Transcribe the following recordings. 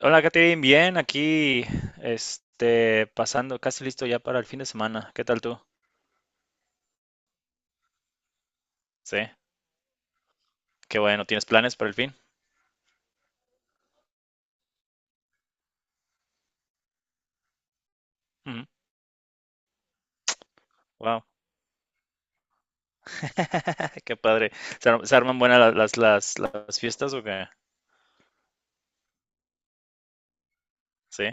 Hola, Katherine, bien, aquí, pasando, casi listo ya para el fin de semana. ¿Qué tal tú? Sí, qué bueno, ¿tienes planes para el fin? Ujú. Wow. Qué padre. Se arman buenas las fiestas o qué? Sí.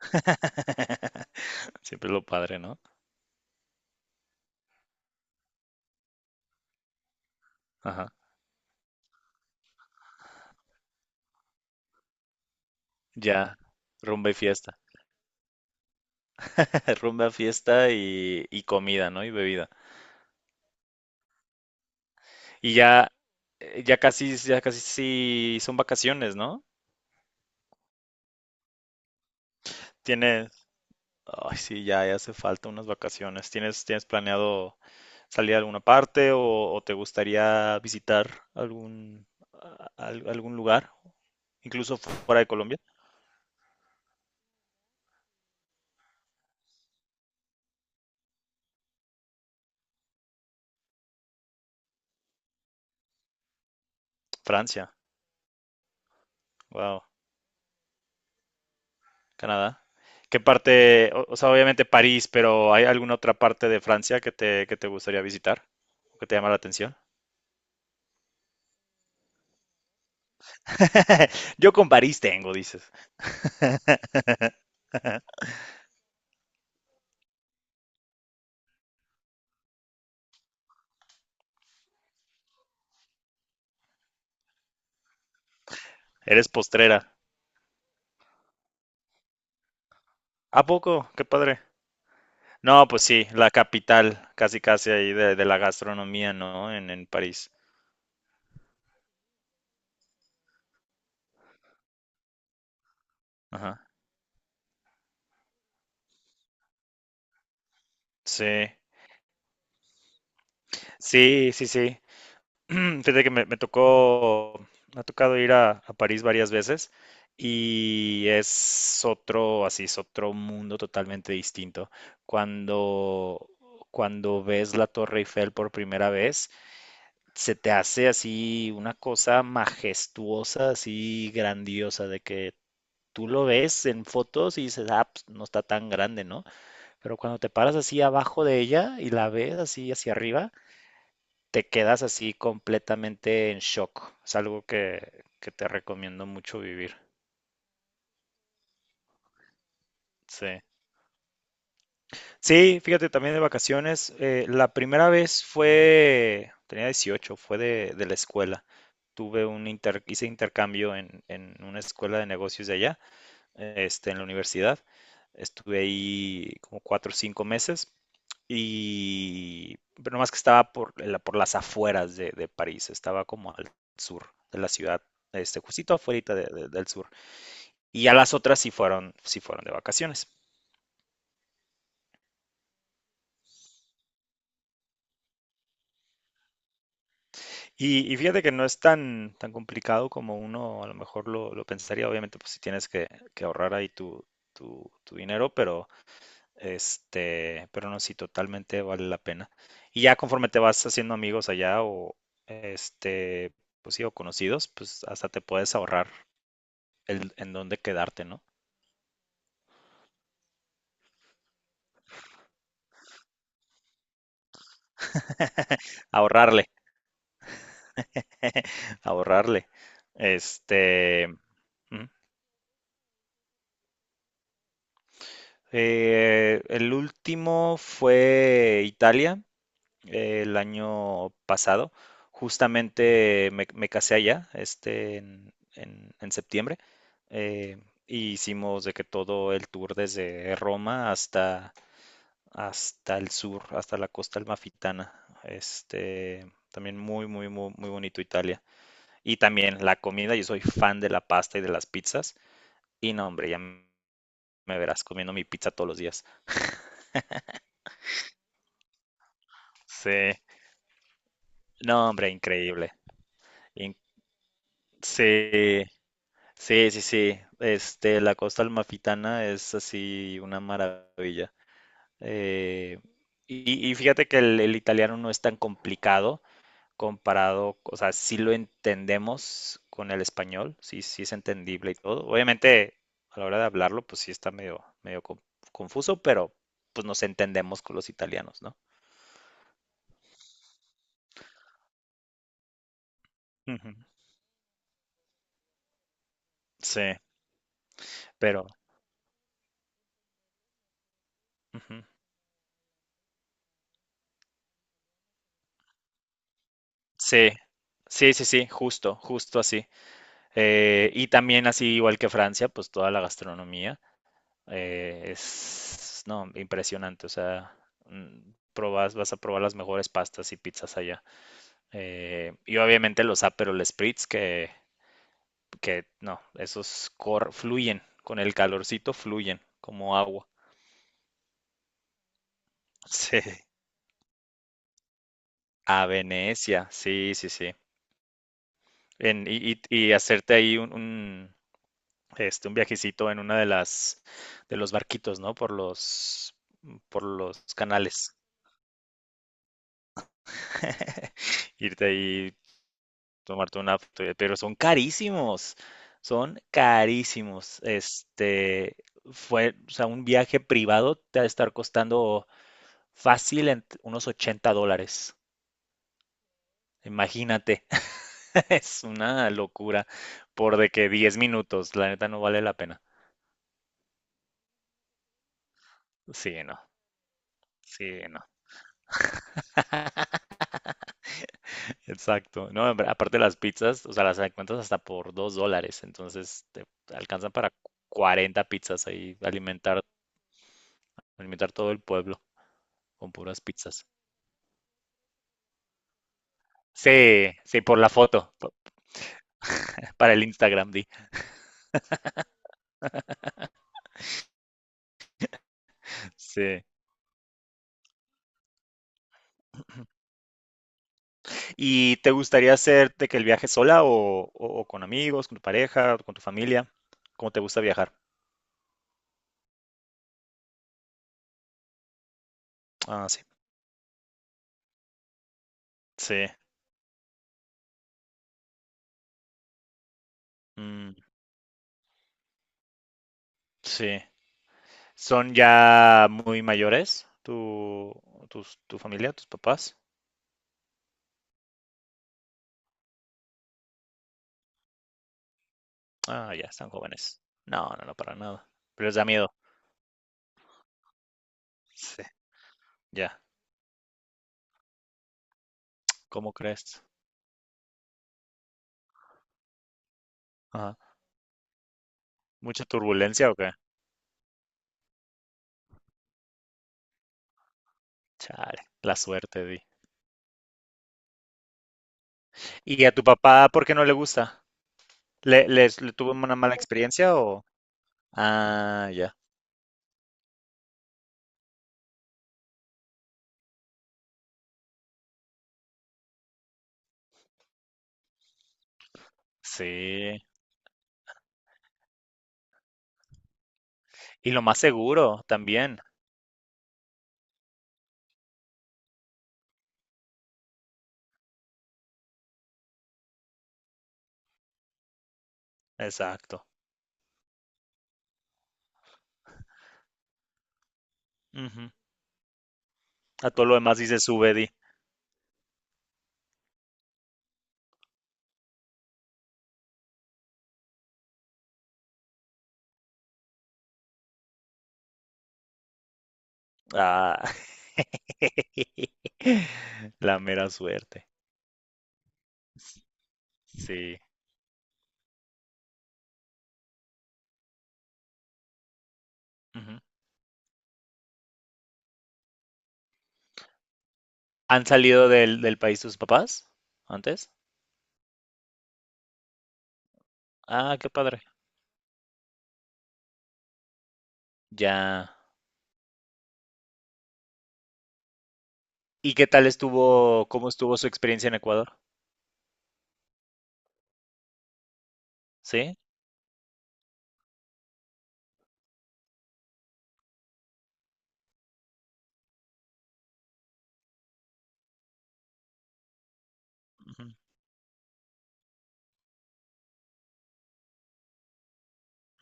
Siempre es lo padre, ¿no? Ajá. Ya, rumba y fiesta. Rumba, fiesta y comida, ¿no? Y bebida. Y ya, ya casi sí son vacaciones, ¿no? Tienes, ay, sí, ya, ya hace falta unas vacaciones. Tienes planeado salir a alguna parte o te gustaría visitar algún, algún lugar, incluso fuera de Colombia? Francia, wow, Canadá. ¿Qué parte, o sea, obviamente París, pero ¿hay alguna otra parte de Francia que te gustaría visitar? ¿Que te llama la atención? Yo con París tengo, dices. Eres postrera. ¿A poco? Qué padre. No, pues sí, la capital, casi casi ahí de la gastronomía, ¿no? En París. Ajá. Sí. Sí, sí, sí. Fíjate que me tocó, me ha tocado ir a París varias veces y es otro, así, es otro mundo totalmente distinto. Cuando, cuando ves la Torre Eiffel por primera vez, se te hace así una cosa majestuosa, así grandiosa, de que tú lo ves en fotos y dices, ah, pues, no está tan grande, ¿no? Pero cuando te paras así abajo de ella y la ves así hacia arriba, te quedas así completamente en shock. Es algo que te recomiendo mucho vivir. Sí. Sí, fíjate, también de vacaciones. La primera vez fue, tenía 18, fue de la escuela. Tuve un hice intercambio en una escuela de negocios de allá, en la universidad. Estuve ahí como 4 o 5 meses y pero más que estaba por, por las afueras de París, estaba como al sur de la ciudad, justito afuera del sur. Y ya las otras sí fueron de vacaciones. Y fíjate que no es tan, tan complicado como uno a lo mejor lo pensaría. Obviamente, pues si tienes que ahorrar ahí tu, tu, tu dinero, pero pero no, sí, totalmente vale la pena. Y ya conforme te vas haciendo amigos allá o este, pues sí, o conocidos, pues hasta te puedes ahorrar el, en dónde quedarte, ¿no? Ahorrarle, ahorrarle. Este, ujú. El último fue Italia, el año pasado. Justamente me, me casé allá, en, en septiembre. eh, y hicimos de que todo el tour desde Roma hasta, hasta el sur, hasta la costa almafitana. Este, también muy, muy, muy, muy bonito Italia. Y también la comida, yo soy fan de la pasta y de las pizzas. Y no, hombre, me verás comiendo mi pizza todos los días. Sí. No, hombre, increíble. In- sí, sí, sí, sí. La costa almafitana es así una maravilla. Eh, y, y fíjate que el italiano no es tan complicado comparado, o sea, sí lo entendemos con el español, sí, sí es entendible y todo. Obviamente, a la hora de hablarlo, pues sí está medio, medio confuso, pero pues nos entendemos con los italianos, ¿no? Ujú. Sí, pero ujú. Sí, sí, sí, sí, justo, justo así. Y también así, igual que Francia, pues toda la gastronomía es, no, impresionante. O sea, vas a probar las mejores pastas y pizzas allá. Y obviamente los Aperol Spritz que no, fluyen, con el calorcito fluyen como agua. Sí. A Venecia, sí, sí, sí. Y, y hacerte ahí un, un viajecito en una de las, de los barquitos, ¿no? Por los canales. Irte ahí, tomarte una foto, pero son carísimos, son carísimos. Fue, o sea, un viaje privado te ha de estar costando fácil en unos $80. Imagínate, es una locura por de que 10 minutos, la neta no vale la pena. Sí, no, sí, no. Exacto. No, hombre, aparte las pizzas, o sea, las encuentras hasta por $2, entonces te alcanzan para 40 pizzas ahí, alimentar, alimentar todo el pueblo con puras pizzas. Sí, sí, por la foto, para el Instagram, di. Sí. ¿Y te gustaría hacer de que el viaje sola o, o con amigos, con tu pareja, con tu familia? ¿Cómo te gusta viajar? Ah, sí, sí, mm, sí. ¿Son ya muy mayores tu, tu familia, tus papás? Ah, ya están jóvenes. No, no, no, para nada. Pero les da miedo. Sí. Ya, ¿cómo crees? Ajá. ¿Mucha turbulencia o qué? Chale, la suerte, di. ¿Y a tu papá por qué no le gusta? Le tuvo una mala experiencia o...? Ah, ya, sí. Y lo más seguro también. Exacto. Ujú. A todo lo demás dice sube, di. Ah. La mera suerte. Sí. Ujú. ¿Han salido del, del país tus papás antes? Ah, qué padre. Ya. ¿Y qué tal estuvo, cómo estuvo su experiencia en Ecuador? ¿Sí? Ujú,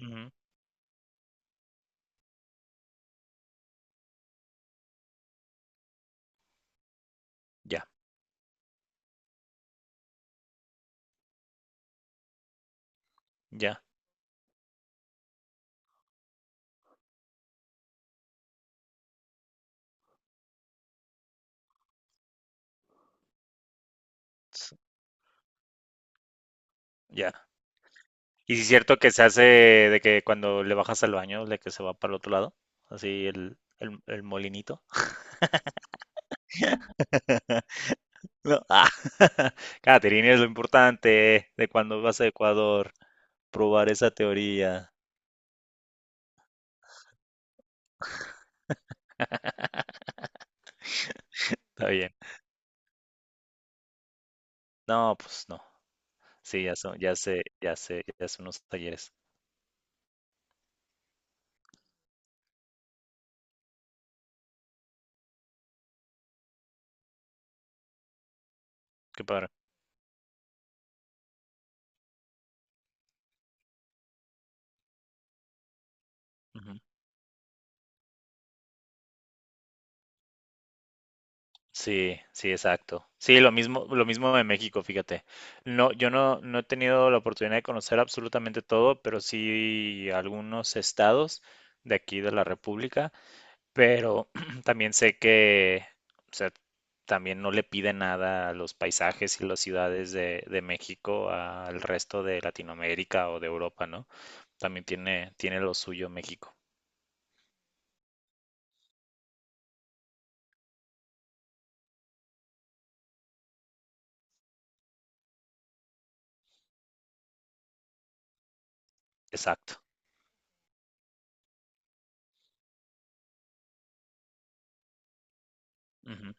ujú. Ya, ya, s- ya. ¿Y si es cierto que se hace de que cuando le bajas al baño, de que se va para el otro lado? Así el molinito. No. Ah, Catherine, es lo importante de cuando vas a Ecuador, probar esa teoría. Está bien. No, pues no. Sí, ya son, ya sé, ya sé, ya son unos talleres. Qué padre. Ujú. Sí, sí, exacto. Sí, lo mismo de México, fíjate. No, yo no, no he tenido la oportunidad de conocer absolutamente todo, pero sí algunos estados de aquí de la República, pero también sé que, o sea, también no le piden nada a los paisajes y las ciudades de México al resto de Latinoamérica o de Europa, ¿no? También tiene, tiene lo suyo México. Exacto. Ujú.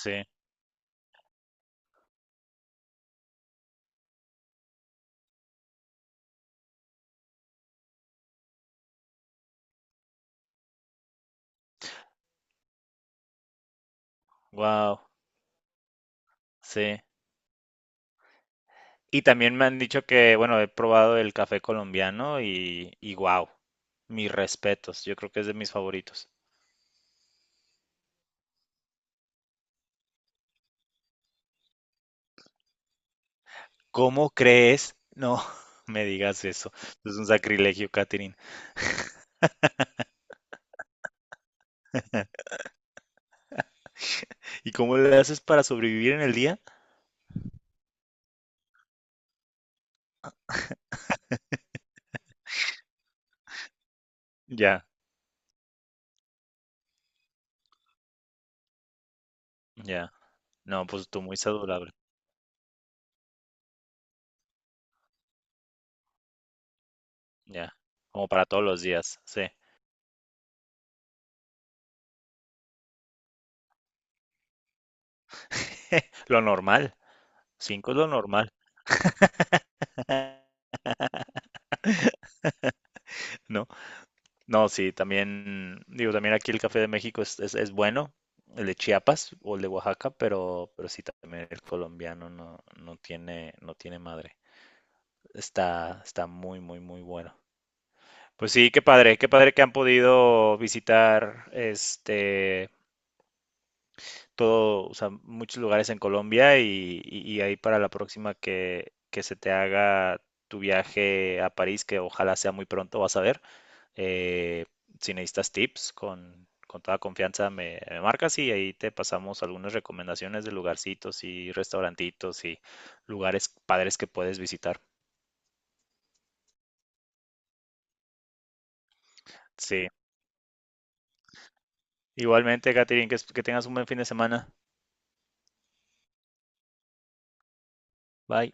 Sí, wow, sí. Y también me han dicho que, bueno, he probado el café colombiano y wow, mis respetos, yo creo que es de mis favoritos. ¿Cómo crees? No me digas eso, es un sacrilegio, Katherine. ¿Y cómo le haces para sobrevivir en el día? Ya, ya, no, pues tú muy saludable, ya, como para todos los días, sí. Lo normal, 5 es lo normal. ¿No? No, sí, también, digo, también aquí el café de México es bueno, el de Chiapas o el de Oaxaca, pero sí también el colombiano no, no tiene, no tiene madre. Está, está muy, muy, muy bueno. Pues sí, qué padre que han podido visitar todo, o sea, muchos lugares en Colombia y, y ahí para la próxima que se te haga tu viaje a París, que ojalá sea muy pronto, vas a ver. Eh, si necesitas tips, con toda confianza me, me marcas y ahí te pasamos algunas recomendaciones de lugarcitos y restaurantitos y lugares padres que puedes visitar. Sí, igualmente, Catherine, que tengas un buen fin de semana. Bye.